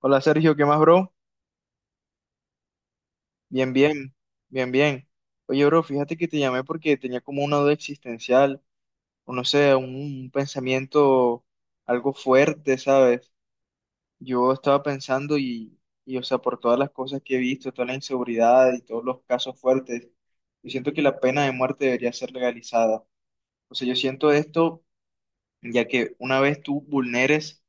Hola Sergio, ¿qué más, bro? Bien, bien, bien, bien. Oye, bro, fíjate que te llamé porque tenía como una duda existencial, o no sé, un pensamiento algo fuerte, ¿sabes? Yo estaba pensando y o sea, por todas las cosas que he visto, toda la inseguridad y todos los casos fuertes, yo siento que la pena de muerte debería ser legalizada. O sea, yo siento esto ya que una vez tú vulneres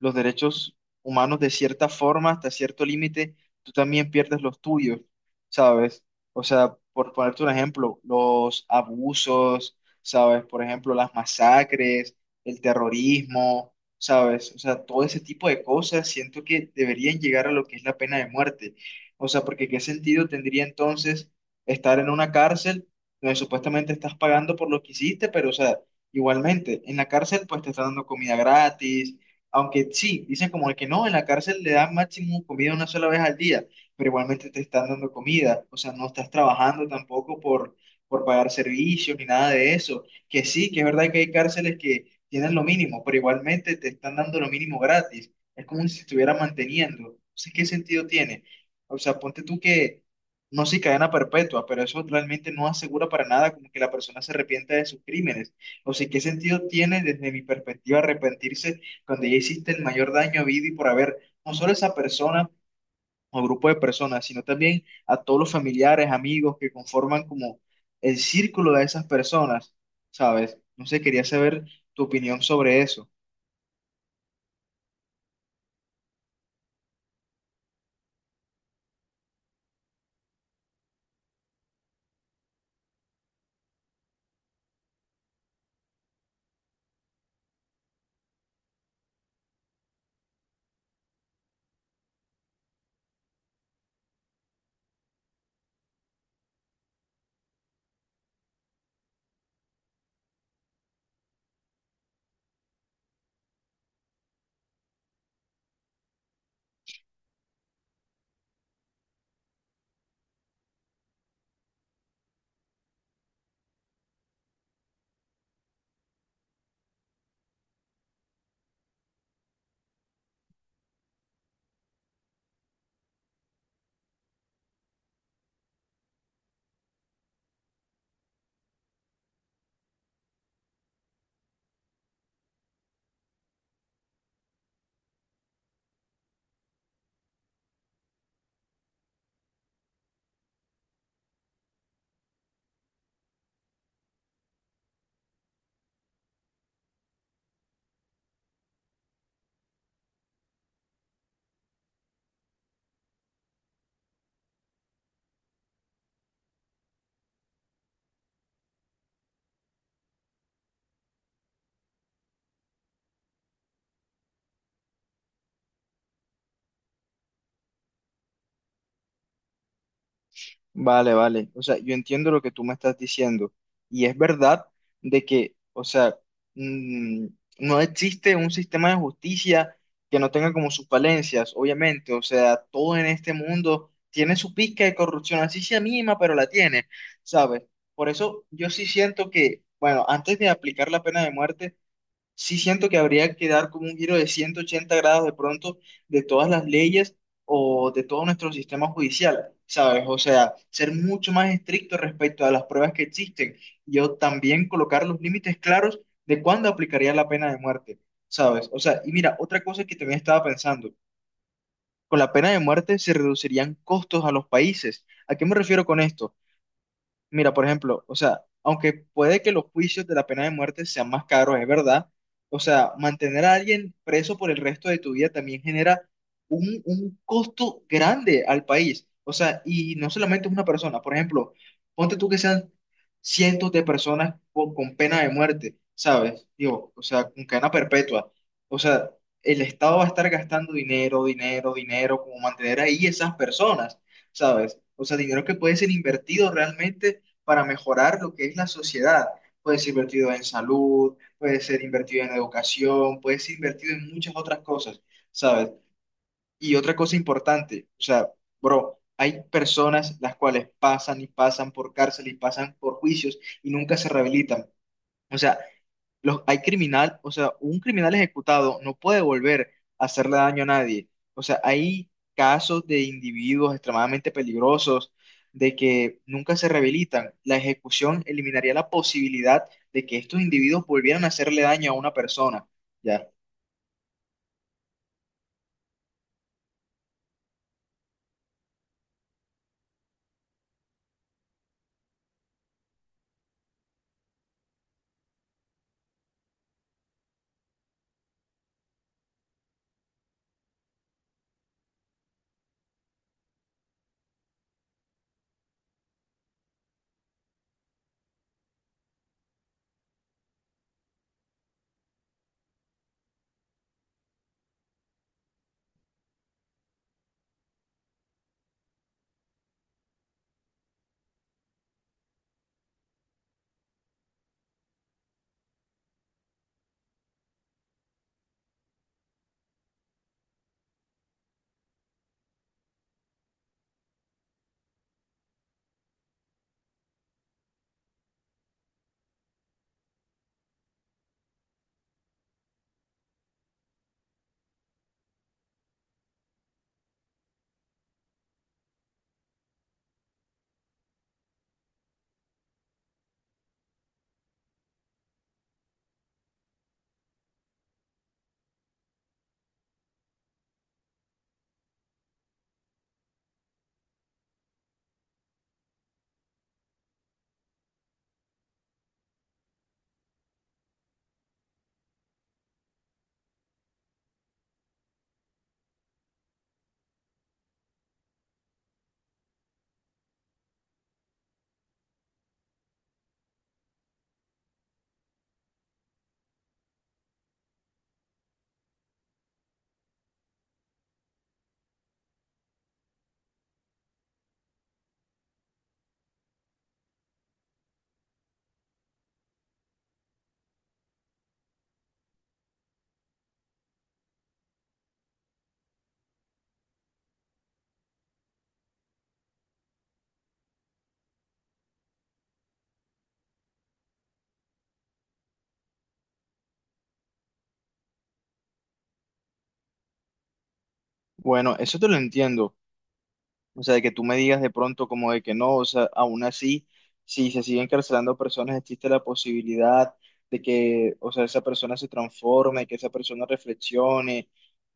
los derechos humanos de cierta forma, hasta cierto límite, tú también pierdes los tuyos, ¿sabes? O sea, por ponerte un ejemplo, los abusos, ¿sabes? Por ejemplo, las masacres, el terrorismo, ¿sabes? O sea, todo ese tipo de cosas siento que deberían llegar a lo que es la pena de muerte. O sea, porque ¿qué sentido tendría entonces estar en una cárcel donde supuestamente estás pagando por lo que hiciste, pero, o sea, igualmente, en la cárcel pues te están dando comida gratis aunque sí, dicen como de que no, en la cárcel le dan máximo comida una sola vez al día, pero igualmente te están dando comida, o sea, no estás trabajando tampoco por pagar servicios ni nada de eso. Que sí, que es verdad que hay cárceles que tienen lo mínimo, pero igualmente te están dando lo mínimo gratis. Es como si se estuviera manteniendo. Entonces, ¿qué sentido tiene? O sea, ponte tú que, no sé, si cadena perpetua, pero eso realmente no asegura para nada como que la persona se arrepienta de sus crímenes. O sea, ¿qué sentido tiene desde mi perspectiva arrepentirse? Cuando ya hiciste el mayor daño a vida y por haber, no solo a esa persona o grupo de personas, sino también a todos los familiares, amigos que conforman como el círculo de esas personas, ¿sabes? No sé, quería saber tu opinión sobre eso. Vale, vale. O sea, yo entiendo lo que tú me estás diciendo. Y es verdad de que, o sea, mm, no existe un sistema de justicia que no tenga como sus falencias, obviamente. O sea, todo en este mundo tiene su pizca de corrupción, así sea mínima, pero la tiene, ¿sabes? Por eso yo sí siento que, bueno, antes de aplicar la pena de muerte, sí siento que habría que dar como un giro de 180 grados de pronto de todas las leyes o de todo nuestro sistema judicial, ¿sabes? O sea, ser mucho más estricto respecto a las pruebas que existen. Yo también colocar los límites claros de cuándo aplicaría la pena de muerte, ¿sabes? O sea, y mira, otra cosa que también estaba pensando, con la pena de muerte se reducirían costos a los países. ¿A qué me refiero con esto? Mira, por ejemplo, o sea, aunque puede que los juicios de la pena de muerte sean más caros, es verdad, o sea, mantener a alguien preso por el resto de tu vida también genera un costo grande al país, o sea, y no solamente es una persona, por ejemplo, ponte tú que sean cientos de personas con pena de muerte, ¿sabes? Digo, o sea, con cadena perpetua, o sea, el Estado va a estar gastando dinero, dinero, dinero, como mantener ahí esas personas. ¿Sabes? O sea, dinero que puede ser invertido realmente para mejorar lo que es la sociedad. Puede ser invertido en salud, puede ser invertido en educación, puede ser invertido en muchas otras cosas, ¿sabes? Y otra cosa importante, o sea, bro, hay personas las cuales pasan y pasan por cárcel y pasan por juicios y nunca se rehabilitan. O sea, un criminal ejecutado no puede volver a hacerle daño a nadie. O sea, hay casos de individuos extremadamente peligrosos de que nunca se rehabilitan. La ejecución eliminaría la posibilidad de que estos individuos volvieran a hacerle daño a una persona. Ya. Bueno, eso te lo entiendo. O sea, de que tú me digas de pronto como de que no, o sea, aún así, si se siguen encarcelando personas, existe la posibilidad de que, o sea, esa persona se transforme, que esa persona reflexione.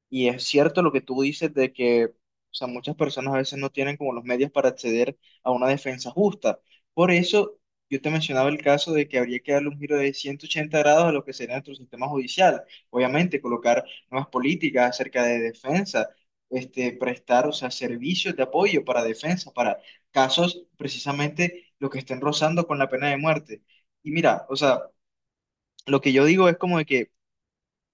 Y es cierto lo que tú dices de que, o sea, muchas personas a veces no tienen como los medios para acceder a una defensa justa. Por eso yo te mencionaba el caso de que habría que darle un giro de 180 grados a lo que sería nuestro sistema judicial. Obviamente, colocar nuevas políticas acerca de defensa, este, prestar, o sea, servicios de apoyo para defensa, para casos precisamente los que estén rozando con la pena de muerte. Y mira, o sea, lo que yo digo es como de que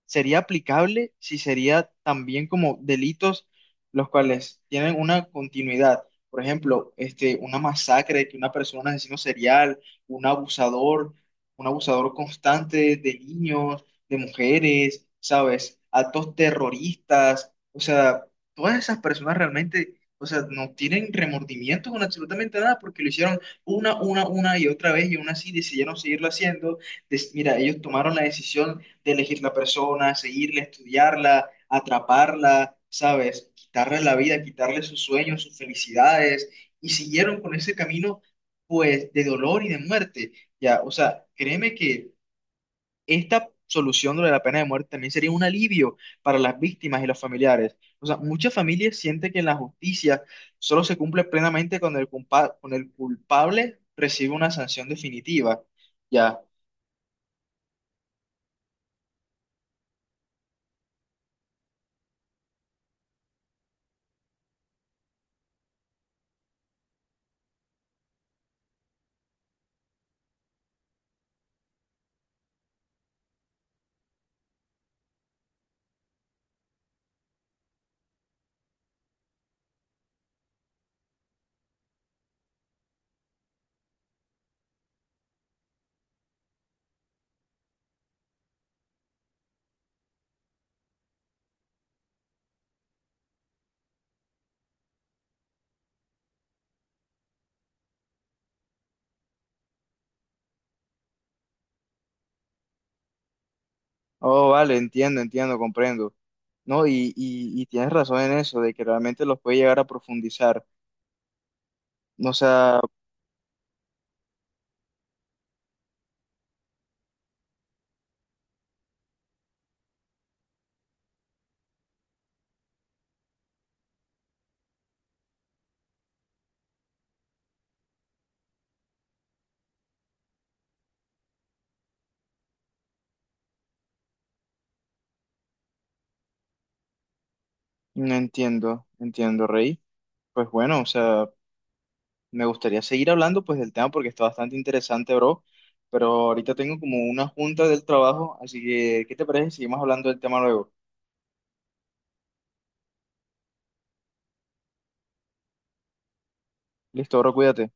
sería aplicable si sería también como delitos los cuales tienen una continuidad. Por ejemplo, este, una masacre, que una persona, un asesino serial, un abusador, un abusador constante de niños, de mujeres, ¿sabes? Actos terroristas, o sea, todas esas personas realmente, o sea, no tienen remordimiento con absolutamente nada porque lo hicieron una y otra vez y aún así decidieron seguirlo haciendo. Mira, ellos tomaron la decisión de elegir la persona, seguirla, estudiarla, atraparla, ¿sabes? Quitarle la vida, quitarle sus sueños, sus felicidades, y siguieron con ese camino, pues, de dolor y de muerte, ¿ya? O sea, créeme que esta solución de la pena de muerte también sería un alivio para las víctimas y los familiares. O sea, muchas familias sienten que la justicia solo se cumple plenamente cuando cuando el culpable recibe una sanción definitiva, ¿ya? Oh, vale, entiendo, entiendo, comprendo. No, y tienes razón en eso, de que realmente los puede llegar a profundizar. O sea, no entiendo, entiendo, Rey. Pues bueno, o sea, me gustaría seguir hablando pues del tema porque está bastante interesante, bro. Pero ahorita tengo como una junta del trabajo, así que, ¿qué te parece si seguimos hablando del tema luego? Listo, bro, cuídate.